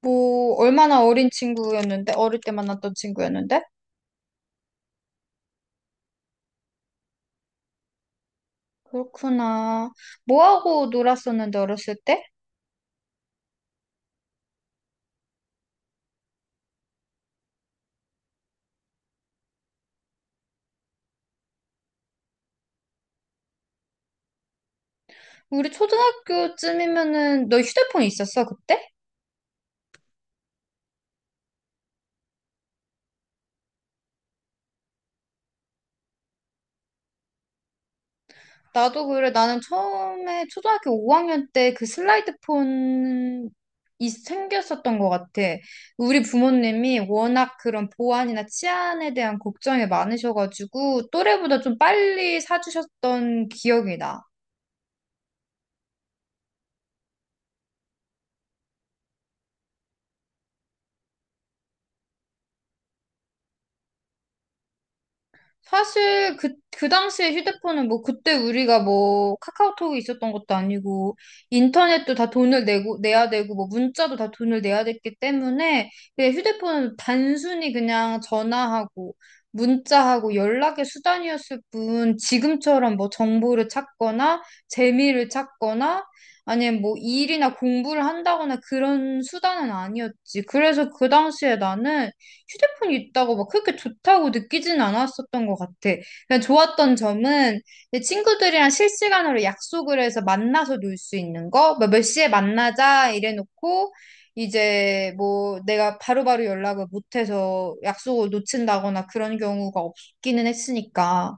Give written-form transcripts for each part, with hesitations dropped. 뭐, 얼마나 어린 친구였는데? 어릴 때 만났던 친구였는데? 그렇구나. 뭐 하고 놀았었는데, 어렸을 때? 우리 초등학교쯤이면은, 너 휴대폰 있었어, 그때? 나도 그래. 나는 처음에 초등학교 5학년 때 그 슬라이드 폰이 생겼었던 것 같아. 우리 부모님이 워낙 그런 보안이나 치안에 대한 걱정이 많으셔가지고, 또래보다 좀 빨리 사주셨던 기억이 나. 사실 그 당시에 휴대폰은 뭐 그때 우리가 뭐 카카오톡이 있었던 것도 아니고 인터넷도 다 돈을 내고 내야 되고 뭐 문자도 다 돈을 내야 됐기 때문에 그냥 휴대폰은 단순히 그냥 전화하고 문자하고 연락의 수단이었을 뿐 지금처럼 뭐 정보를 찾거나 재미를 찾거나 아니면 뭐 일이나 공부를 한다거나 그런 수단은 아니었지. 그래서 그 당시에 나는 휴대폰이 있다고 막 그렇게 좋다고 느끼진 않았었던 것 같아. 그냥 좋았던 점은 내 친구들이랑 실시간으로 약속을 해서 만나서 놀 수 있는 거, 뭐몇 시에 만나자 이래놓고 이제 뭐 내가 바로바로 연락을 못해서 약속을 놓친다거나 그런 경우가 없기는 했으니까.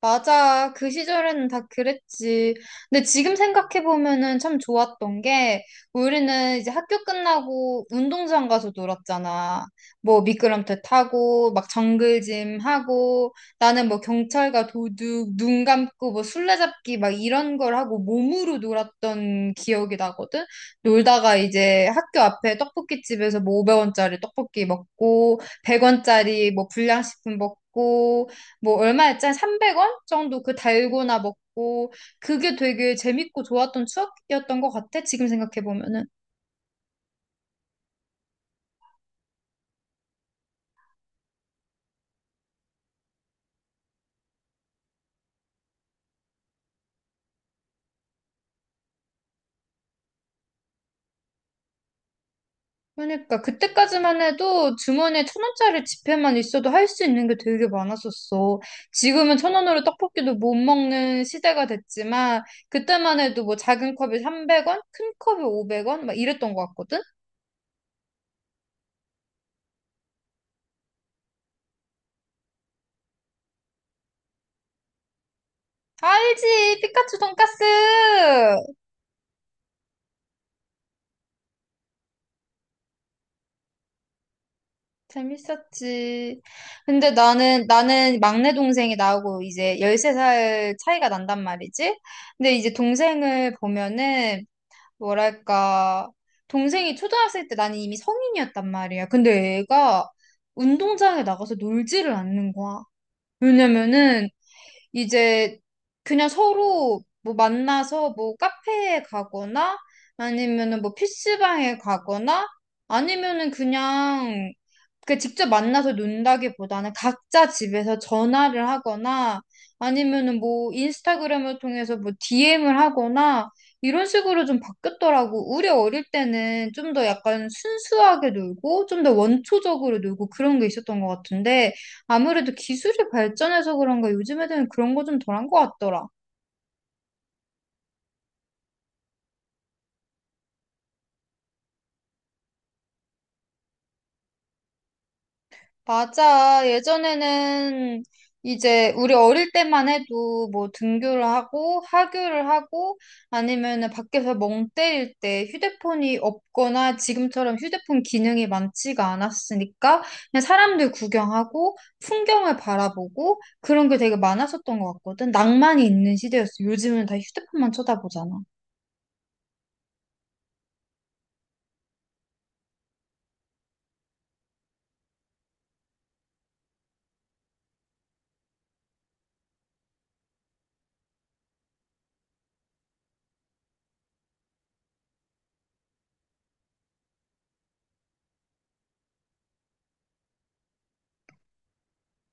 맞아. 그 시절에는 다 그랬지. 근데 지금 생각해보면은 참 좋았던 게, 우리는 이제 학교 끝나고 운동장 가서 놀았잖아. 뭐 미끄럼틀 타고, 막 정글짐 하고, 나는 뭐 경찰과 도둑, 눈 감고 뭐 술래잡기 막 이런 걸 하고 몸으로 놀았던 기억이 나거든? 놀다가 이제 학교 앞에 떡볶이집에서 뭐 500원짜리 떡볶이 먹고, 100원짜리 뭐 불량식품 먹고, 뭐 얼마였지? 한 300원 정도 그 달고나 먹고 그게 되게 재밌고 좋았던 추억이었던 것 같아. 지금 생각해 보면은. 그러니까 그때까지만 해도 주머니에 1,000원짜리 지폐만 있어도 할 수 있는 게 되게 많았었어. 지금은 천 원으로 떡볶이도 못 먹는 시대가 됐지만 그때만 해도 뭐 작은 컵이 300원, 큰 컵이 500원 막 이랬던 것 같거든. 알지? 피카츄 돈까스! 재밌었지. 근데 나는 막내 동생이 나하고 이제 13살 차이가 난단 말이지. 근데 이제 동생을 보면은, 뭐랄까, 동생이 초등학생 때 나는 이미 성인이었단 말이야. 근데 애가 운동장에 나가서 놀지를 않는 거야. 왜냐면은, 이제 그냥 서로 뭐 만나서 뭐 카페에 가거나, 아니면은 뭐피스방에 가거나, 아니면은 그냥 그 직접 만나서 논다기보다는 각자 집에서 전화를 하거나 아니면은 뭐 인스타그램을 통해서 뭐 DM을 하거나 이런 식으로 좀 바뀌었더라고. 우리 어릴 때는 좀 더 약간 순수하게 놀고 좀 더 원초적으로 놀고 그런 게 있었던 것 같은데 아무래도 기술이 발전해서 그런가 요즘 애들은 그런 거 좀 덜한 것 같더라. 맞아. 예전에는 이제 우리 어릴 때만 해도 뭐 등교를 하고 하교를 하고 아니면은 밖에서 멍 때릴 때 휴대폰이 없거나 지금처럼 휴대폰 기능이 많지가 않았으니까 그냥 사람들 구경하고 풍경을 바라보고 그런 게 되게 많았었던 것 같거든. 낭만이 있는 시대였어. 요즘은 다 휴대폰만 쳐다보잖아.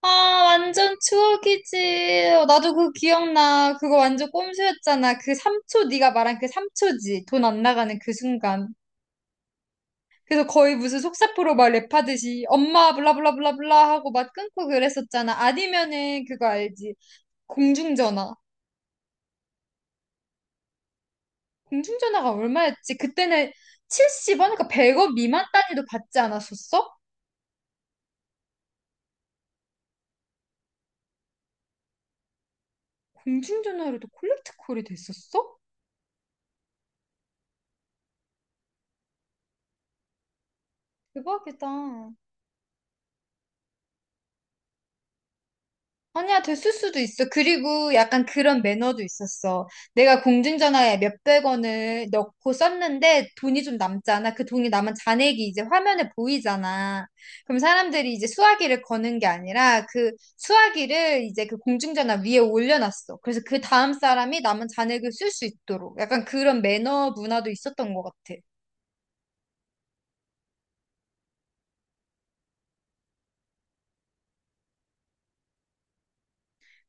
아, 완전 추억이지. 어, 나도 그거 기억나. 그거 완전 꼼수였잖아. 그 3초, 네가 말한 그 3초지. 돈 안 나가는 그 순간. 그래서 거의 무슨 속사포로 막 랩하듯이 엄마 블라블라블라블라 하고 막 끊고 그랬었잖아. 아니면은 그거 알지? 공중전화. 공중전화가 얼마였지? 그때는 70원, 그러니까 100원 미만 단위도 받지 않았었어? 공중전화로도 콜렉트 콜이 됐었어? 대박이다. 아니야, 됐을 수도 있어. 그리고 약간 그런 매너도 있었어. 내가 공중전화에 몇백 원을 넣고 썼는데 돈이 좀 남잖아. 그 돈이 남은 잔액이 이제 화면에 보이잖아. 그럼 사람들이 이제 수화기를 거는 게 아니라 그 수화기를 이제 그 공중전화 위에 올려놨어. 그래서 그 다음 사람이 남은 잔액을 쓸 수 있도록 약간 그런 매너 문화도 있었던 것 같아.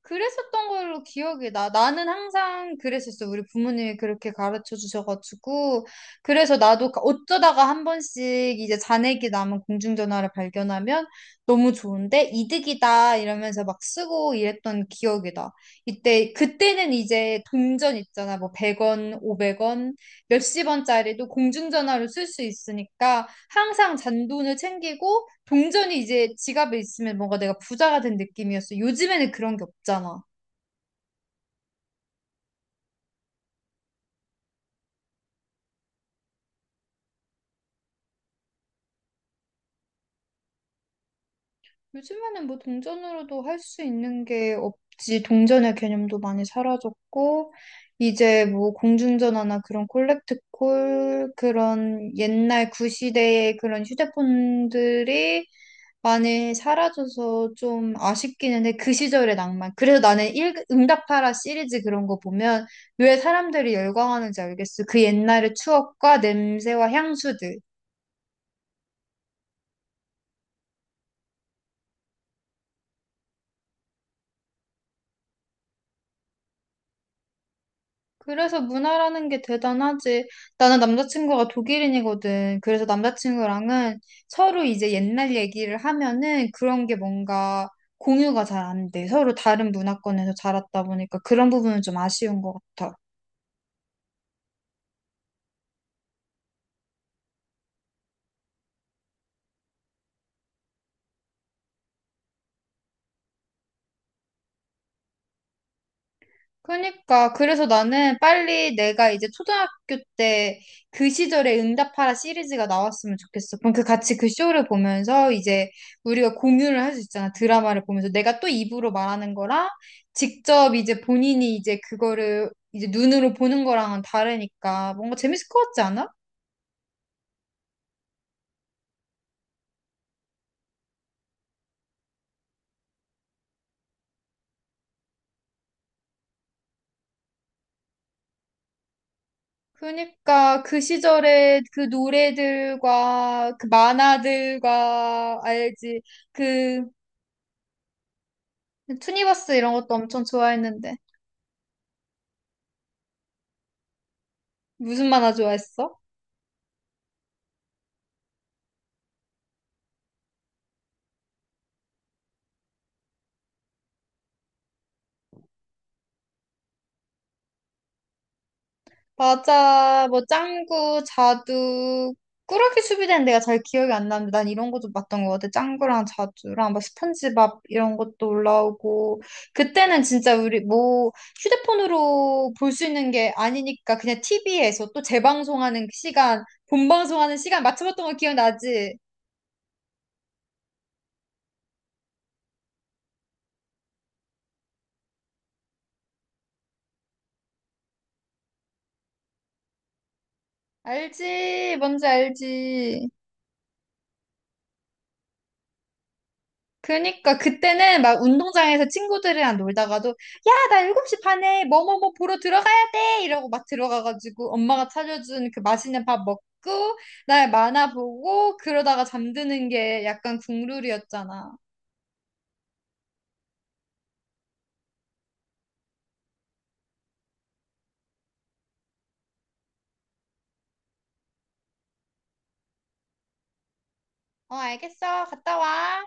그랬었던 걸로 기억이 나. 나는 항상 그랬었어. 우리 부모님이 그렇게 가르쳐 주셔가지고. 그래서 나도 어쩌다가 한 번씩 이제 잔액이 남은 공중전화를 발견하면 너무 좋은데 이득이다 이러면서 막 쓰고 이랬던 기억이 나. 이때, 그때는 이제 동전 있잖아. 뭐 100원, 500원, 몇십 원짜리도 공중전화로 쓸 수 있으니까 항상 잔돈을 챙기고 동전이 이제 지갑에 있으면 뭔가 내가 부자가 된 느낌이었어. 요즘에는 그런 게 없잖아. 요즘에는 뭐 동전으로도 할 수 있는 게 없지. 동전의 개념도 많이 사라졌고, 이제 뭐 공중전화나 그런 콜렉트콜, 그런 옛날 구시대의 그런 휴대폰들이 많이 사라져서 좀 아쉽기는 해. 그 시절의 낭만. 그래서 나는 일, 응답하라 시리즈 그런 거 보면 왜 사람들이 열광하는지 알겠어. 그 옛날의 추억과 냄새와 향수들. 그래서 문화라는 게 대단하지. 나는 남자친구가 독일인이거든. 그래서 남자친구랑은 서로 이제 옛날 얘기를 하면은 그런 게 뭔가 공유가 잘 안 돼. 서로 다른 문화권에서 자랐다 보니까 그런 부분은 좀 아쉬운 것 같아. 그러니까 그래서 나는 빨리 내가 이제 초등학교 때 그 시절에 응답하라 시리즈가 나왔으면 좋겠어. 그럼 그 같이 그 쇼를 보면서 이제 우리가 공유를 할 수 있잖아. 드라마를 보면서 내가 또 입으로 말하는 거랑 직접 이제 본인이 이제 그거를 이제 눈으로 보는 거랑은 다르니까 뭔가 재밌을 것 같지 않아? 그러니까 그 시절에 그 노래들과 그 만화들과 알지 그 투니버스 이런 것도 엄청 좋아했는데 무슨 만화 좋아했어? 맞아. 뭐 짱구, 자두, 꾸러기 수비대는 내가 잘 기억이 안 나는데 난 이런 거 좀 봤던 것 같아. 짱구랑 자두랑 막 스펀지밥 이런 것도 올라오고 그때는 진짜 우리 뭐 휴대폰으로 볼 수 있는 게 아니니까 그냥 TV에서 또 재방송하는 시간, 본방송하는 시간 맞춰봤던 거 기억나지? 알지? 뭔지 알지? 그니까 그때는 막 운동장에서 친구들이랑 놀다가도 야, 나 7시 반에 뭐뭐뭐 보러 들어가야 돼 이러고 막 들어가가지고 엄마가 차려준 그 맛있는 밥 먹고 날 만화 보고 그러다가 잠드는 게 약간 국룰이었잖아. 어, 알겠어. 갔다 와.